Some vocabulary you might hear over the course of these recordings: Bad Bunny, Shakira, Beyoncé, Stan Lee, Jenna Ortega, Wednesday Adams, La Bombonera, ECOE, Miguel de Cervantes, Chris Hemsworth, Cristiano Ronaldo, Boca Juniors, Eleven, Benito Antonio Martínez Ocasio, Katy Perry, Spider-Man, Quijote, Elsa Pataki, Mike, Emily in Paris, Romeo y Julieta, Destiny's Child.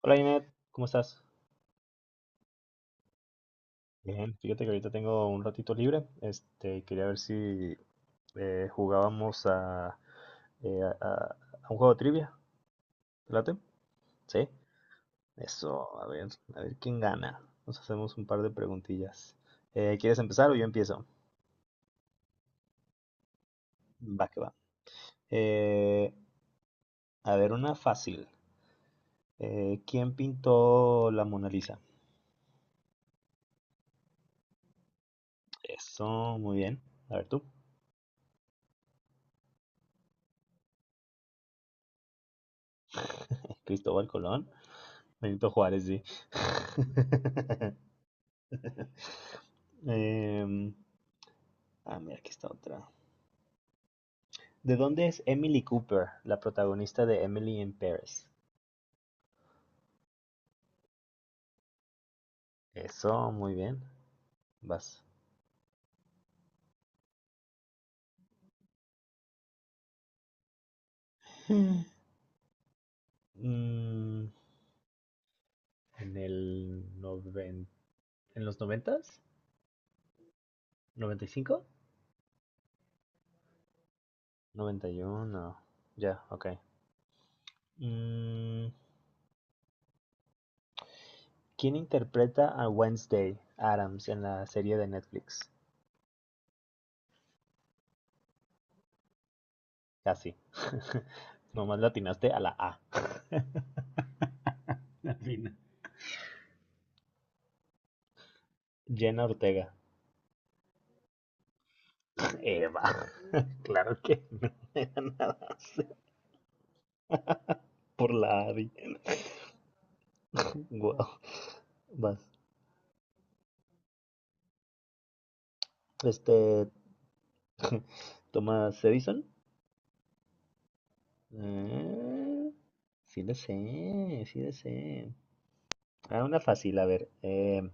Hola Inet, ¿cómo estás? Bien, fíjate que ahorita tengo un ratito libre. Este, quería ver si jugábamos eh, a, a- a un juego de trivia. ¿Te late? Sí. Eso, a ver quién gana. Nos hacemos un par de preguntillas. ¿Quieres empezar o yo empiezo? Va que va. Eh, a ver, una fácil. ¿Quién pintó la Mona Lisa? Eso, muy bien. A ver tú. Cristóbal Colón. Benito Juárez, sí. Em, Mira, aquí está otra. ¿De dónde es Emily Cooper, la protagonista de Emily in Paris? Eso, muy bien. Vas. Mm, en el noven... ¿En los noventas? ¿Noventa y cinco? Noventa y uno. Ya, ok. Mm, ¿Quién interpreta a Wednesday Adams en la serie de Netflix? Casi. Nomás latinaste a la A. La fina. Jenna Ortega. Eva, claro que no era dan nada más por la AVI. Wow, vas. Este, Thomas Edison. Eh, sí le sé, sí le sé. Ah, una fácil, a ver. eh,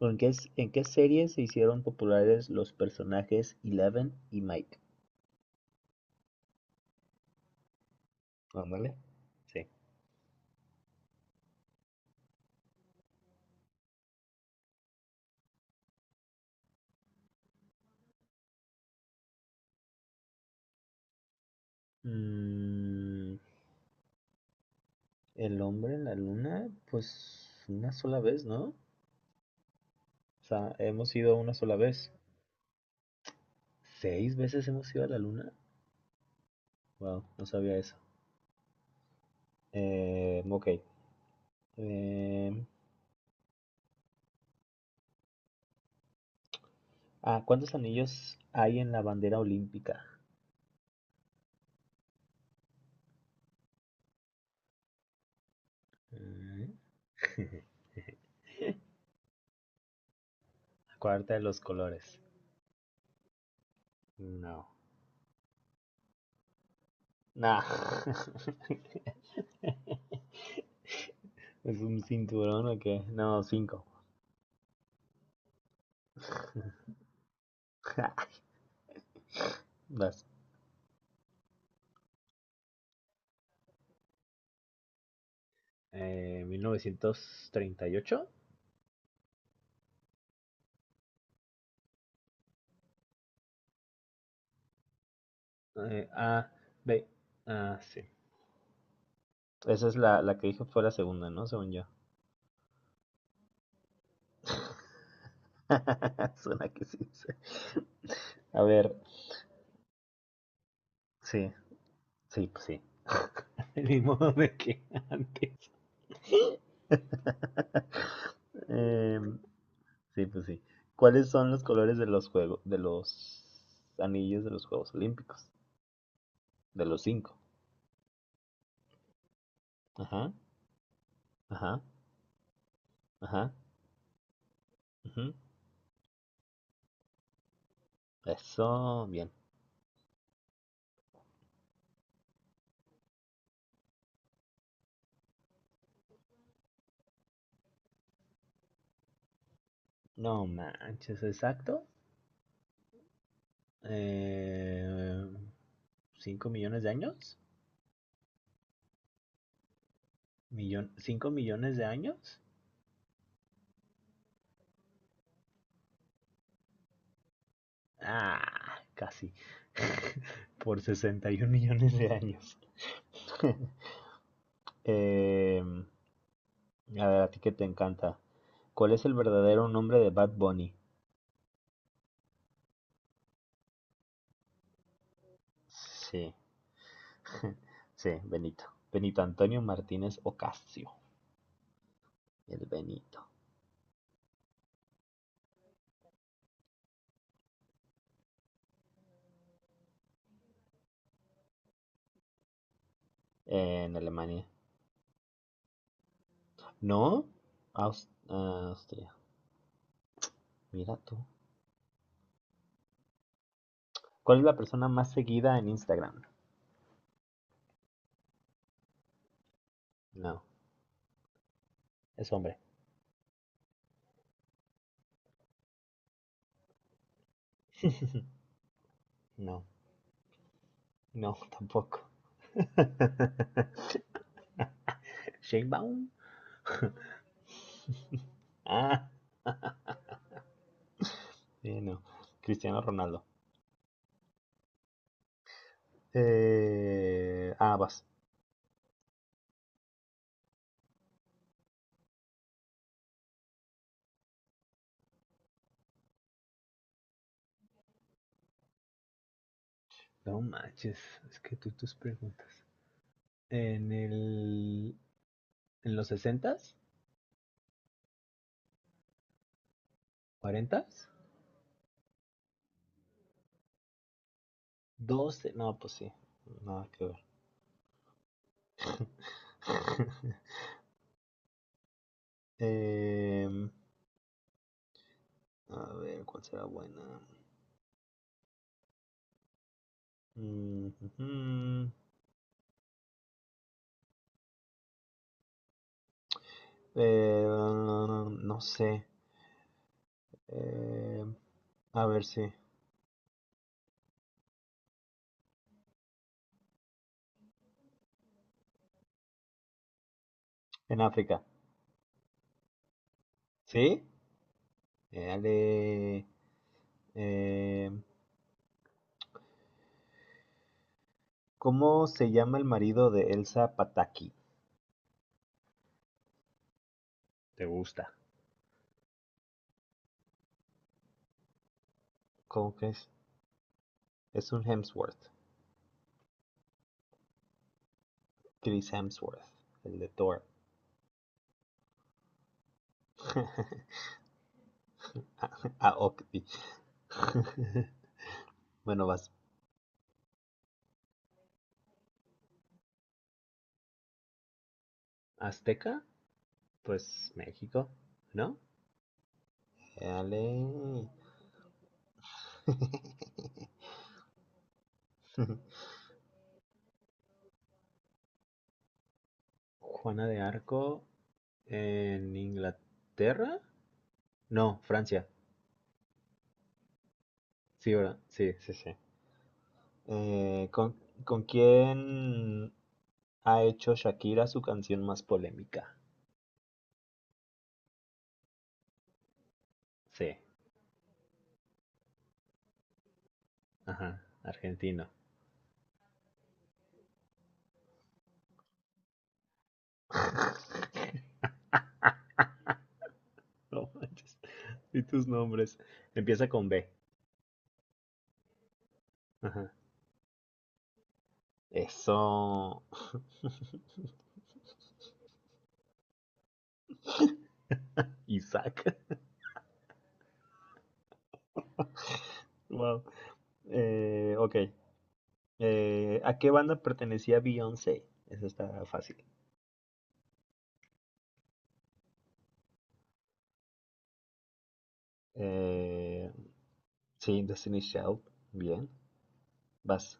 ¿en qué, s- en qué series se hicieron populares los personajes Eleven y Mike? Ándale. Sí. Mm, el hombre en la luna, pues una sola vez, ¿no? O sea, hemos ido una sola vez. ¿Seis veces hemos ido a la luna? Wow, no sabía eso. Ok. Eh, ¿Cuántos anillos hay en la bandera olímpica? Mm. Acuérdate de los colores. No. Nah. ¿Es un cinturón o qué? No, cinco. Vas. 1938. A, B. Ah, sí. Esa es la que dije fue la segunda, ¿no? Según yo. Suena que sí. Sí. A ver, sí, sí, pues sí. Del mismo modo que antes. Eh, sí, pues sí. ¿Cuáles son los colores de los juegos, de los anillos de los Juegos Olímpicos? De los cinco. Ajá, ajá, ajá. Ujú. Eso, bien. No manches, exacto. Eh, ¿5 millones de años? ¿5 millones de años? Ah, casi. Por 61 millones de años. Eh, a ver, a ti que te encanta. ¿Cuál es el verdadero nombre de Bad Bunny? Sí, sí, Benito. Benito Antonio Martínez Ocasio. El Benito. En Alemania. ¿No? Austria. Mira tú. ¿Cuál es la persona más seguida en Instagram? No, es hombre. No, no, tampoco. Shane Baum. Ah, no. Cristiano Ronaldo. Vas. No manches, es que tú y tus preguntas. En el en los sesentas, ¿cuarentas? ¿12? No, pues sí, nada que ver. Em, a ver, ¿cuál será buena? Mm, ujú. No sé. Em, a ver, sí. En África. ¿Sí? Eh, ale- em, ¿Cómo se llama el marido de Elsa Pataki? ¿Te gusta? ¿Cómo que es? Es un Hemsworth, Chris Hemsworth, el de Thor. a, a Octi. Bueno, vas. Azteca, pues México, ¿no? Dale. Juana de Arco en Inglaterra. No, Francia. Sí, ¿verdad? Sí. Sí, sí. Eh, ¿con, ¿Con quién ha hecho Shakira su canción más polémica? Sí. Ajá. Argentino. No manches. Y tus nombres. Empieza con B. Ajá. Eso. Isaac. Wow. Ok. ¿A qué banda pertenecía Beyoncé? Eso está fácil. Eh, sí, Destiny's Child. Bien. Vas.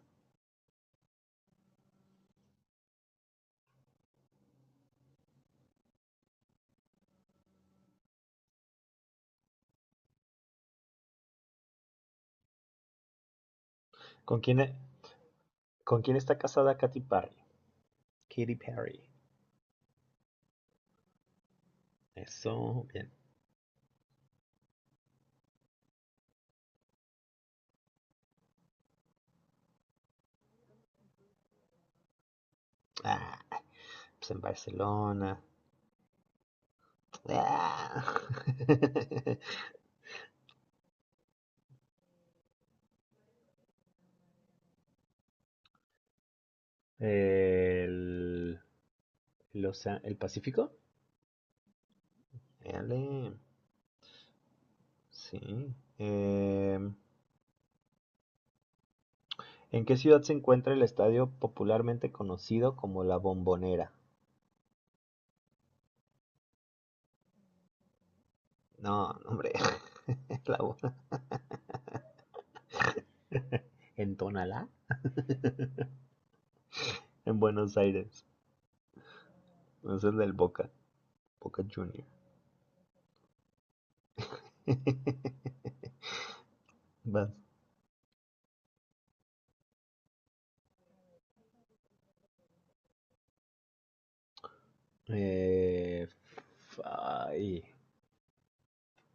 ¿Con quién, e- con quién está casada Katy Perry? Katy Perry. Eso, bien. Ah, pues en Barcelona. Ah. El, el Pacífico. Éale, sí. ¿En qué ciudad se encuentra el estadio popularmente conocido como La Bombonera? No, no, hombre, la bo- ¿En Tonalá? En Buenos Aires. No es el del Boca, Boca Junior. Vas. Eh, f- ay,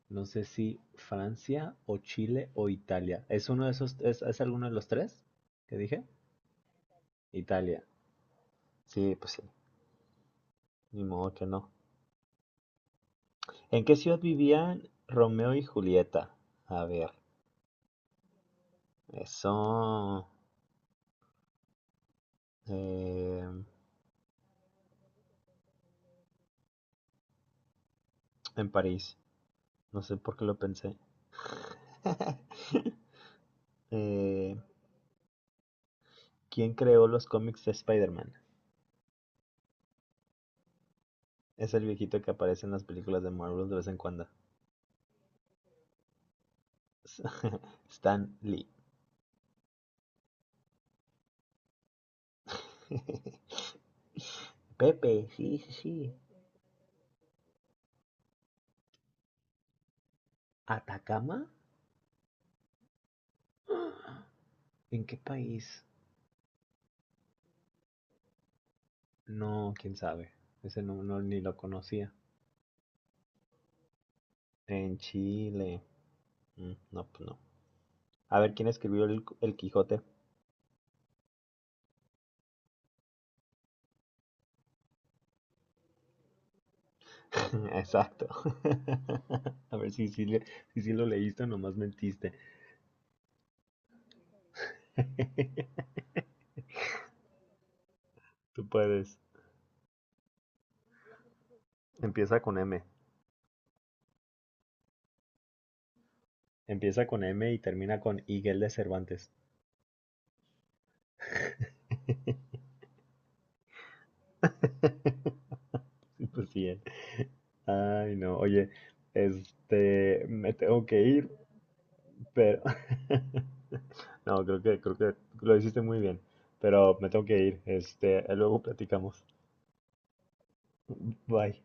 no sé si Francia o Chile o Italia. ¿Es uno de esos, es alguno de los tres que dije? Italia. Sí, pues sí. Ni modo que no. ¿En qué ciudad vivían Romeo y Julieta? A ver, eso. eh, en París. No sé por qué lo pensé. Eh, ¿Quién creó los cómics de Spider-Man? Es el viejito que aparece en las películas de Marvel de vez en cuando. Stan Lee. Pepe, sí, sí, sí. ¿Atacama? ¿En qué país? No, quién sabe. Ese no, no, ni lo conocía. En Chile. No, pues no. A ver quién escribió el Quijote. Exacto. A ver si sí lo leíste o nomás mentiste. Tú puedes. Empieza con M. Empieza con M y termina con Miguel de Cervantes. Sí, pues sí. Ay, no. Oye, este, me tengo que ir, pero no, creo que lo hiciste muy bien, pero me tengo que ir. Este, luego platicamos. Bye.